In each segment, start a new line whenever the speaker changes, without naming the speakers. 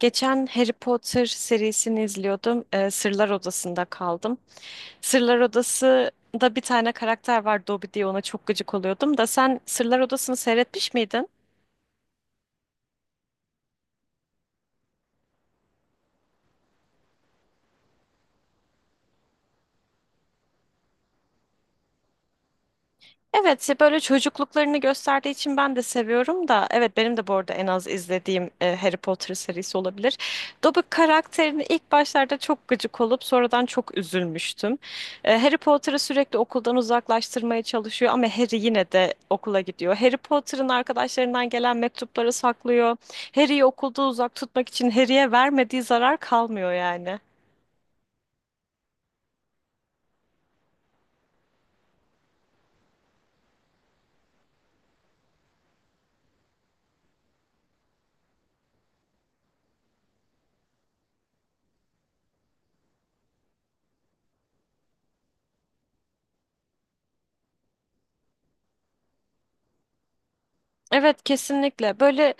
Geçen Harry Potter serisini izliyordum. Sırlar Odası'nda kaldım. Sırlar Odası'nda bir tane karakter var Dobby diye ona çok gıcık oluyordum da sen Sırlar Odası'nı seyretmiş miydin? Evet, ya böyle çocukluklarını gösterdiği için ben de seviyorum da evet benim de bu arada en az izlediğim Harry Potter serisi olabilir. Dobby karakterini ilk başlarda çok gıcık olup sonradan çok üzülmüştüm. Harry Potter'ı sürekli okuldan uzaklaştırmaya çalışıyor ama Harry yine de okula gidiyor. Harry Potter'ın arkadaşlarından gelen mektupları saklıyor. Harry'i okulda uzak tutmak için Harry'e vermediği zarar kalmıyor yani. Evet, kesinlikle böyle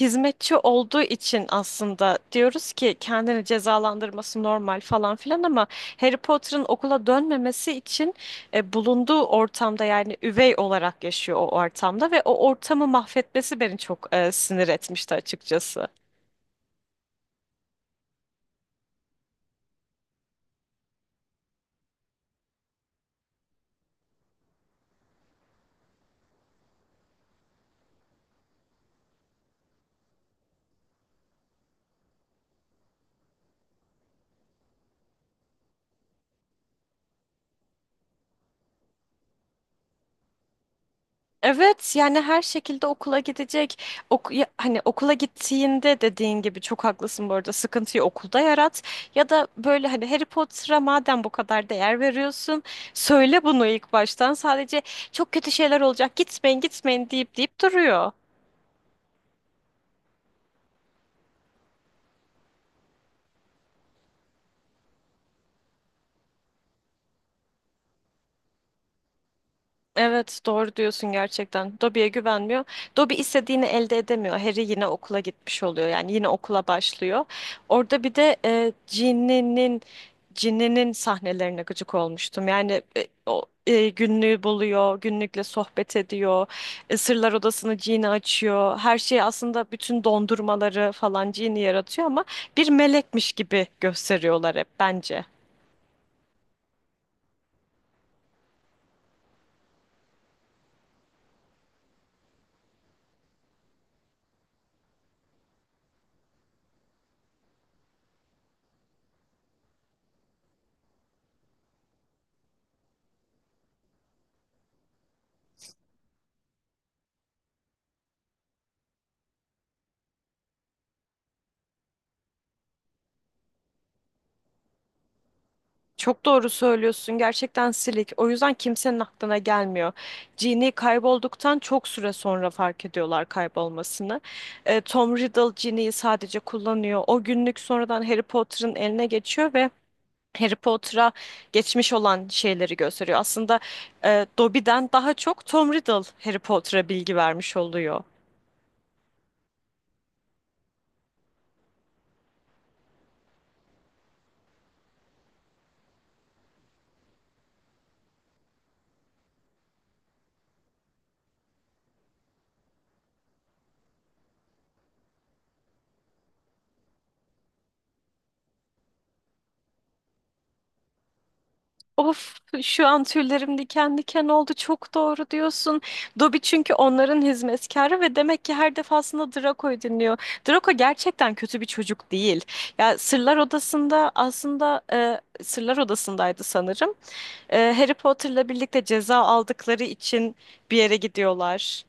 hizmetçi olduğu için aslında diyoruz ki kendini cezalandırması normal falan filan ama Harry Potter'ın okula dönmemesi için bulunduğu ortamda yani üvey olarak yaşıyor o ortamda ve o ortamı mahvetmesi beni çok sinir etmişti açıkçası. Evet, yani her şekilde okula gidecek. Hani okula gittiğinde dediğin gibi çok haklısın, bu arada sıkıntıyı okulda yarat. Ya da böyle hani Harry Potter'a madem bu kadar değer veriyorsun söyle bunu ilk baştan. Sadece çok kötü şeyler olacak, gitmeyin gitmeyin deyip deyip duruyor. Evet, doğru diyorsun gerçekten. Dobby'ye güvenmiyor. Dobby istediğini elde edemiyor. Harry yine okula gitmiş oluyor. Yani yine okula başlıyor. Orada bir de Ginny'nin sahnelerine gıcık olmuştum. Yani o günlüğü buluyor, günlükle sohbet ediyor. Sırlar Odası'nı Ginny açıyor. Her şeyi aslında, bütün dondurmaları falan Ginny yaratıyor ama bir melekmiş gibi gösteriyorlar hep bence. Çok doğru söylüyorsun. Gerçekten silik. O yüzden kimsenin aklına gelmiyor. Jean'i kaybolduktan çok süre sonra fark ediyorlar kaybolmasını. Tom Riddle Jean'i sadece kullanıyor. O günlük sonradan Harry Potter'ın eline geçiyor ve Harry Potter'a geçmiş olan şeyleri gösteriyor. Aslında Dobby'den daha çok Tom Riddle Harry Potter'a bilgi vermiş oluyor. Of, şu an tüylerim diken diken oldu. Çok doğru diyorsun. Dobby çünkü onların hizmetkarı ve demek ki her defasında Draco'yu dinliyor. Draco gerçekten kötü bir çocuk değil. Ya Sırlar Odası'nda aslında, Sırlar Odası'ndaydı sanırım. Harry Potter'la birlikte ceza aldıkları için bir yere gidiyorlar.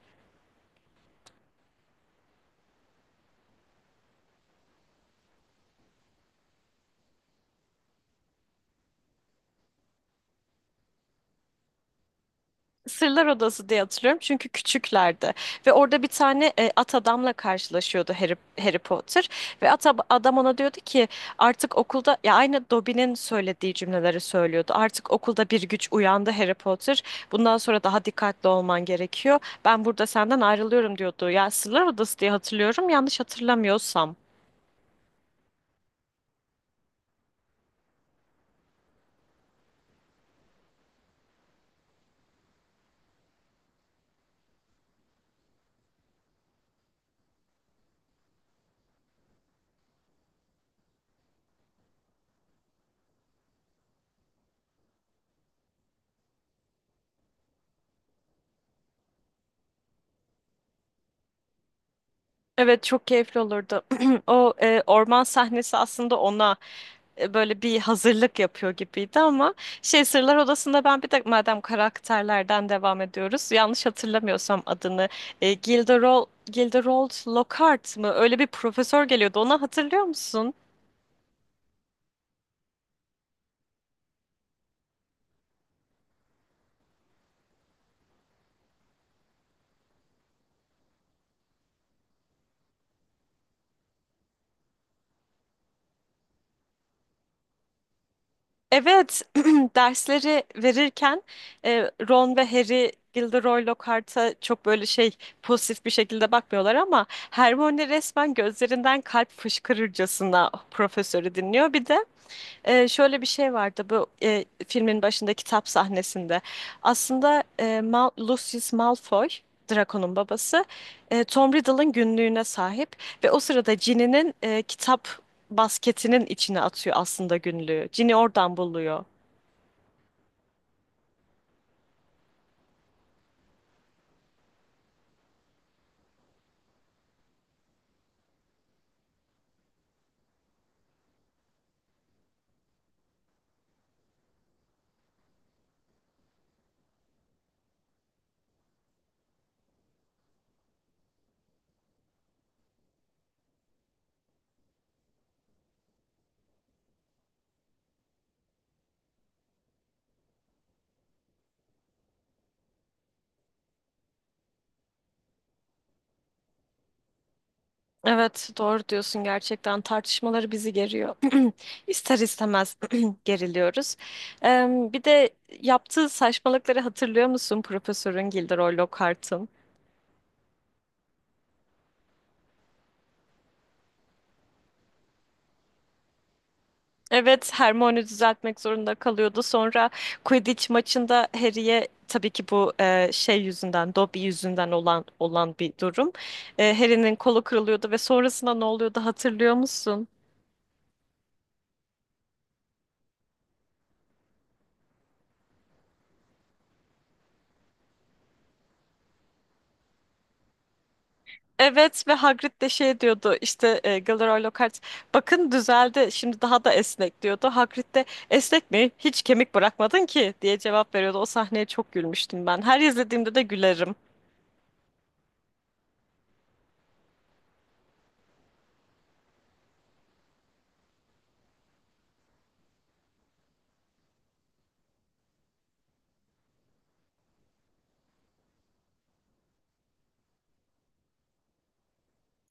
Sırlar Odası diye hatırlıyorum çünkü küçüklerdi ve orada bir tane at adamla karşılaşıyordu Harry Potter ve adam ona diyordu ki artık okulda, ya aynı Dobby'nin söylediği cümleleri söylüyordu. Artık okulda bir güç uyandı Harry Potter. Bundan sonra daha dikkatli olman gerekiyor. Ben burada senden ayrılıyorum diyordu. Ya Sırlar Odası diye hatırlıyorum yanlış hatırlamıyorsam. Evet, çok keyifli olurdu. O orman sahnesi aslında ona böyle bir hazırlık yapıyor gibiydi ama şey, Sırlar Odası'nda, ben bir de madem karakterlerden devam ediyoruz, yanlış hatırlamıyorsam adını Gilderoy Lockhart mı, öyle bir profesör geliyordu, onu hatırlıyor musun? Evet. Dersleri verirken Ron ve Harry Gilderoy Lockhart'a çok böyle şey, pozitif bir şekilde bakmıyorlar ama Hermione resmen gözlerinden kalp fışkırırcasına profesörü dinliyor. Bir de şöyle bir şey vardı bu filmin başında, kitap sahnesinde. Aslında e, Mal Lucius Malfoy, Draco'nun babası, Tom Riddle'ın günlüğüne sahip ve o sırada Ginny'nin kitap basketinin içine atıyor aslında günlüğü. Ginny oradan buluyor. Evet, doğru diyorsun, gerçekten tartışmaları bizi geriyor. İster istemez geriliyoruz. Ee, Bir de yaptığı saçmalıkları hatırlıyor musun Profesörün, Gilderoy Lockhart'ın? Evet, Hermione düzeltmek zorunda kalıyordu. Sonra Quidditch maçında Harry'e, tabii ki bu şey yüzünden, Dobby yüzünden olan bir durum. Harry'nin kolu kırılıyordu ve sonrasında ne oluyordu, hatırlıyor musun? Evet, ve Hagrid de şey diyordu, işte Gilderoy Lockhart bakın düzeldi şimdi, daha da esnek diyordu. Hagrid de esnek mi, hiç kemik bırakmadın ki diye cevap veriyordu. O sahneye çok gülmüştüm ben. Her izlediğimde de gülerim.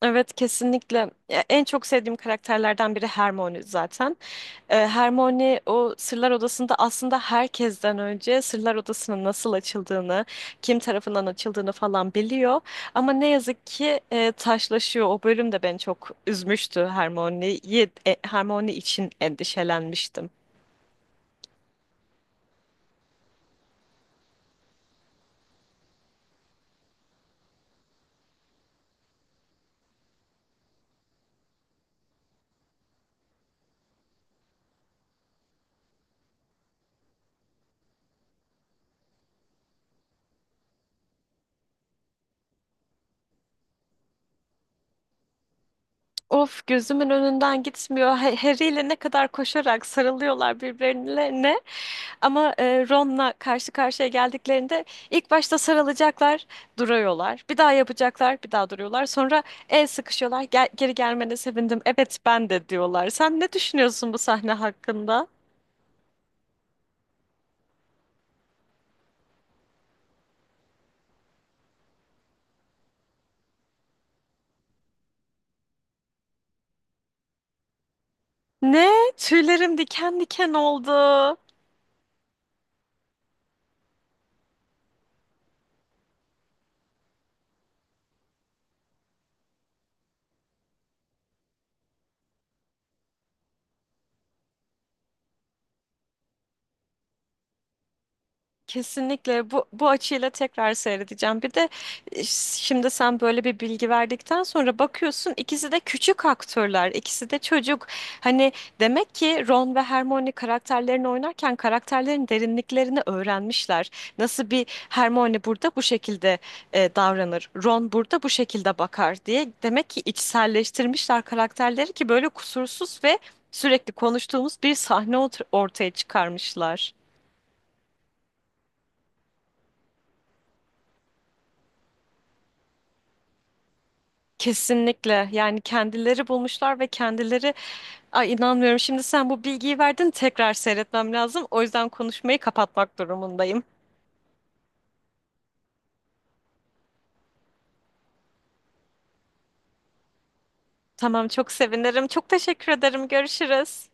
Evet, kesinlikle. Ya, en çok sevdiğim karakterlerden biri Hermione zaten. Hermione o Sırlar Odası'nda aslında herkesten önce Sırlar Odası'nın nasıl açıldığını, kim tarafından açıldığını falan biliyor. Ama ne yazık ki taşlaşıyor. O bölüm de beni çok üzmüştü, Hermione'yi. Hermione için endişelenmiştim. Of, gözümün önünden gitmiyor. Harry ile ne kadar koşarak sarılıyorlar birbirlerine. Ama Ron'la karşı karşıya geldiklerinde ilk başta sarılacaklar, duruyorlar. Bir daha yapacaklar, bir daha duruyorlar. Sonra el sıkışıyorlar. Gel, geri gelmene sevindim. Evet ben de, diyorlar. Sen ne düşünüyorsun bu sahne hakkında? Ne? Tüylerim diken diken oldu. Kesinlikle, bu açıyla tekrar seyredeceğim. Bir de şimdi sen böyle bir bilgi verdikten sonra bakıyorsun, ikisi de küçük aktörler, ikisi de çocuk. Hani demek ki Ron ve Hermione karakterlerini oynarken karakterlerin derinliklerini öğrenmişler. Nasıl bir Hermione burada bu şekilde davranır, Ron burada bu şekilde bakar diye demek ki içselleştirmişler karakterleri ki böyle kusursuz ve sürekli konuştuğumuz bir sahne ortaya çıkarmışlar. Kesinlikle, yani kendileri bulmuşlar ve kendileri, ay inanmıyorum, şimdi sen bu bilgiyi verdin, tekrar seyretmem lazım, o yüzden konuşmayı kapatmak durumundayım. Tamam, çok sevinirim, çok teşekkür ederim, görüşürüz.